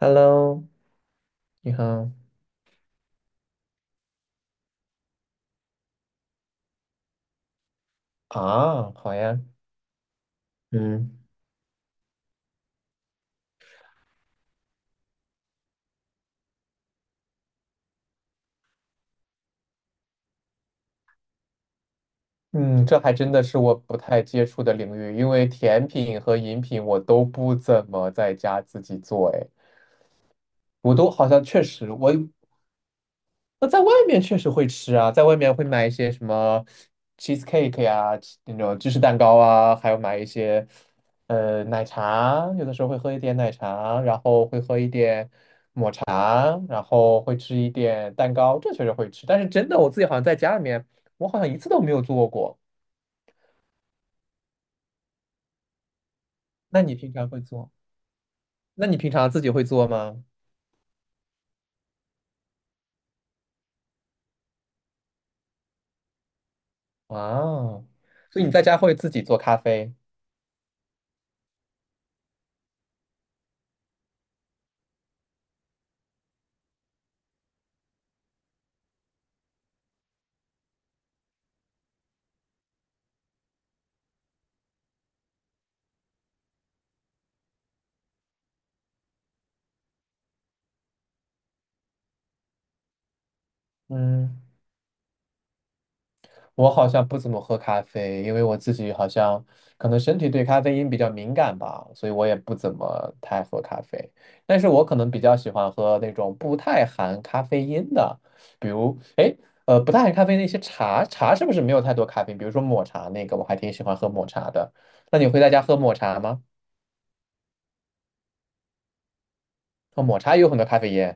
Hello，你好。啊，好呀。嗯嗯，这还真的是我不太接触的领域，因为甜品和饮品我都不怎么在家自己做。哎，我都好像确实，我那在外面确实会吃啊，在外面会买一些什么 cheesecake 呀、那种芝士蛋糕啊，还有买一些奶茶，有的时候会喝一点奶茶，然后会喝一点。啊，然后会吃一点蛋糕，这确实会吃。但是真的，我自己好像在家里面，我好像一次都没有做过。那你平常会做？那你平常自己会做吗？哇哦，所以你在家会自己做咖啡？嗯。我好像不怎么喝咖啡，因为我自己好像可能身体对咖啡因比较敏感吧，所以我也不怎么太喝咖啡。但是我可能比较喜欢喝那种不太含咖啡因的，比如，哎，不太含咖啡那些茶，茶是不是没有太多咖啡因比如说抹茶那个，我还挺喜欢喝抹茶的。那你会在家喝抹茶吗？哦，抹茶也有很多咖啡因，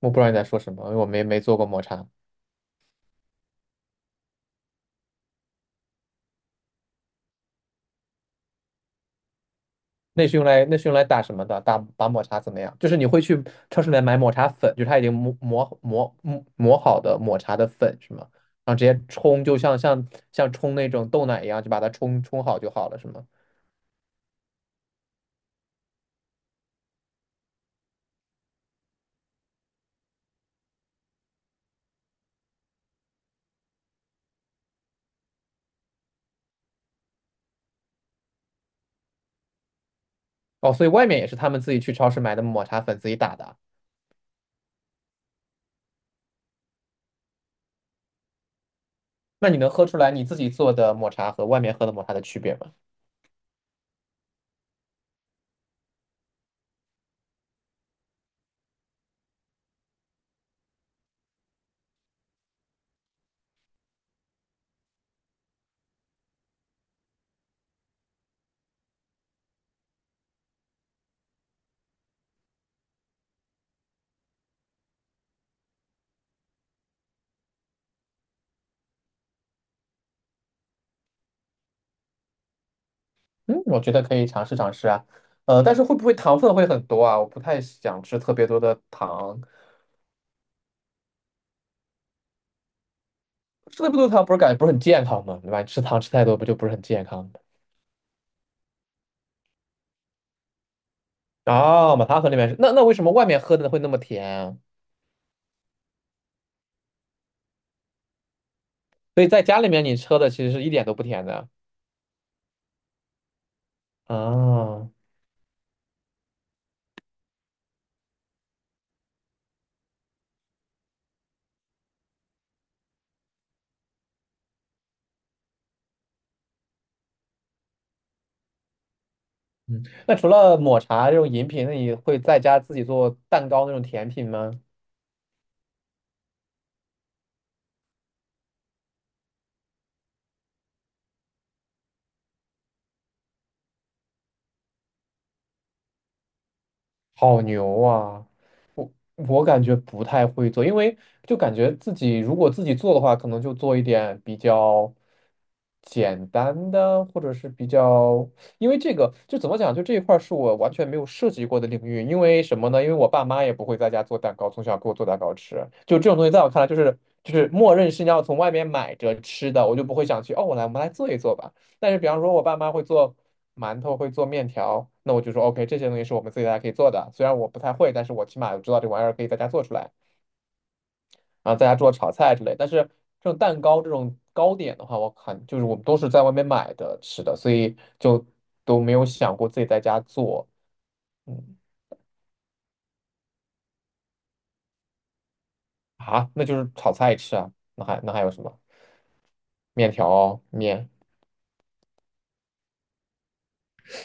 我不知道你在说什么，因为我没做过抹茶。那是用来那是用来打什么的？打打抹茶怎么样？就是你会去超市里面买抹茶粉，就是它已经磨好的抹茶的粉是吗？然后直接冲，就像冲那种豆奶一样，就把它冲好就好了是吗？哦，所以外面也是他们自己去超市买的抹茶粉自己打的啊。那你能喝出来你自己做的抹茶和外面喝的抹茶的区别吗？嗯，我觉得可以尝试尝试啊。但是会不会糖分会很多啊？我不太想吃特别多的糖。吃的不多糖不是感觉不是很健康吗？对吧？吃糖吃太多不就不是很健康吗？哦，马汤喝那边是那为什么外面喝的会那么甜啊？所以在家里面你喝的其实是一点都不甜的啊。哦，嗯，那除了抹茶这种饮品，那你会在家自己做蛋糕那种甜品吗？好牛啊！我感觉不太会做，因为就感觉自己如果自己做的话，可能就做一点比较简单的，或者是比较，因为这个就怎么讲，就这一块儿是我完全没有涉及过的领域。因为什么呢？因为我爸妈也不会在家做蛋糕，从小给我做蛋糕吃。就这种东西，在我看来就是默认是你要从外面买着吃的，我就不会想去哦，我来我们来做一做吧。但是比方说，我爸妈会做。馒头，会做面条，那我就说 OK，这些东西是我们自己在家可以做的。虽然我不太会，但是我起码我知道这玩意儿可以在家做出来，然后在家做炒菜之类。但是这种蛋糕这种糕点的话，我看就是我们都是在外面买的吃的，所以就都没有想过自己在家做。嗯，啊，那就是炒菜吃啊，那还有什么？面条、面、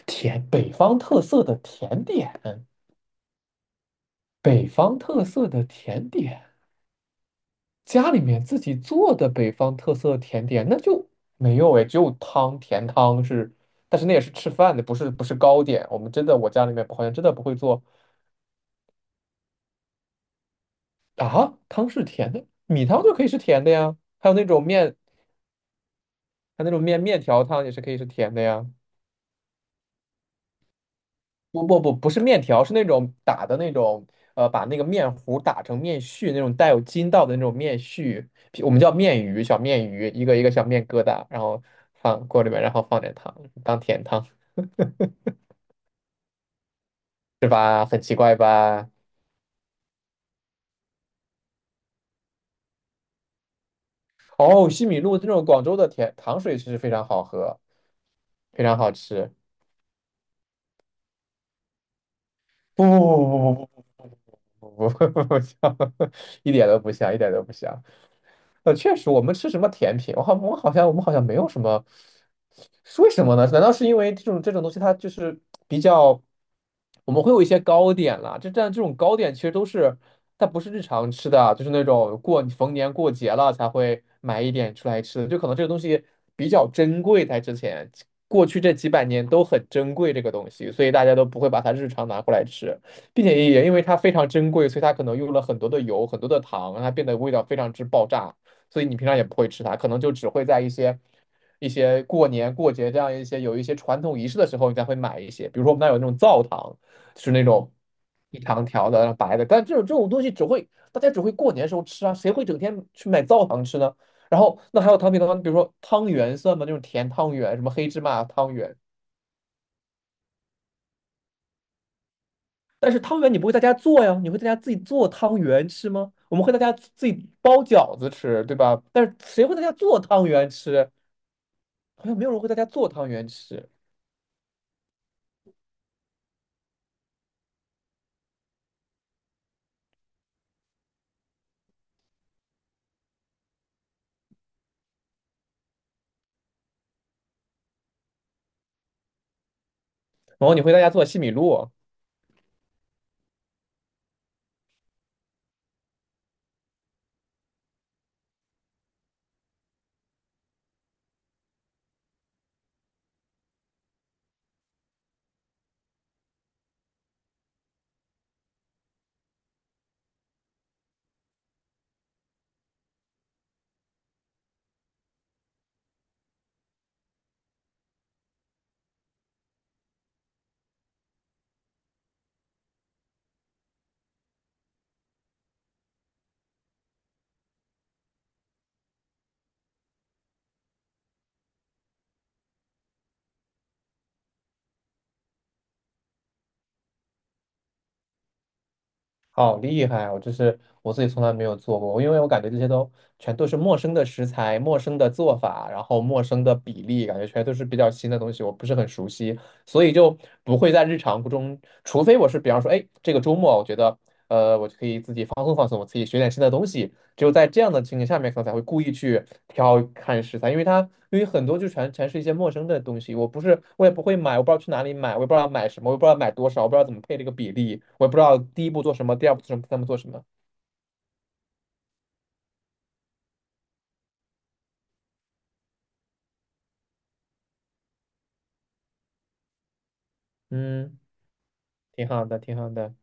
甜，北方特色的甜点，北方特色的甜点。家里面自己做的北方特色甜点，那就没有哎，只有汤，甜汤是，但是那也是吃饭的，不是糕点。我们真的，我家里面好像真的不会做啊，汤是甜的，米汤就可以是甜的呀，还有那种面，还有那种面条汤也是可以是甜的呀。不是面条，是那种打的那种，把那个面糊打成面絮，那种带有筋道的那种面絮，我们叫面鱼，小面鱼，一个一个小面疙瘩，然后放锅里面，然后放点糖当甜汤。是吧很奇怪吧。哦，西米露这种广州的甜糖水其实非常好喝非常好吃。不不不不不不不不不不不不不不不不，一点都不像一点都不像。确实，我们吃什么甜品？我好，我好像我们好像没有什么，是为什么呢？难道是因为这种东西它就是比较，我们会有一些糕点啦，这但这种糕点其实都是它不是日常吃的啊，就是那种过逢年过节了才会买一点出来吃的，就可能这个东西比较珍贵，在之前过去这几百年都很珍贵这个东西，所以大家都不会把它日常拿过来吃，并且也因为它非常珍贵，所以它可能用了很多的油、很多的糖，让它变得味道非常之爆炸。所以你平常也不会吃它，可能就只会在一些一些过年过节这样一些有一些传统仪式的时候，你才会买一些。比如说我们那儿有那种灶糖，就是那种一长条的白的，但这种东西只会大家只会过年时候吃啊，谁会整天去买灶糖吃呢？然后那还有糖饼糖，比如说汤圆算吗？那种甜汤圆，什么黑芝麻汤圆。但是汤圆你不会在家做呀，你会在家自己做汤圆吃吗？我们会在家自己包饺子吃，对吧？但是谁会在家做汤圆吃？好像没有人会在家做汤圆吃，然后你会在家做西米露，好厉害！啊！我就是我自己从来没有做过，因为我感觉这些都全都是陌生的食材、陌生的做法，然后陌生的比例，感觉全都是比较新的东西，我不是很熟悉，所以就不会在日常中，除非我是比方说，哎，这个周末我觉得，我就可以自己放松放松，我自己学点新的东西。只有在这样的情景下面，可能才会故意去挑看食材，因为它因为很多就全是一些陌生的东西，我不是我也不会买，我不知道去哪里买，我也不知道买什么，我也不知道买多少，我不知道怎么配这个比例，我也不知道第一步做什么，第二步做什么，第三步做什么。嗯，挺好的，挺好的。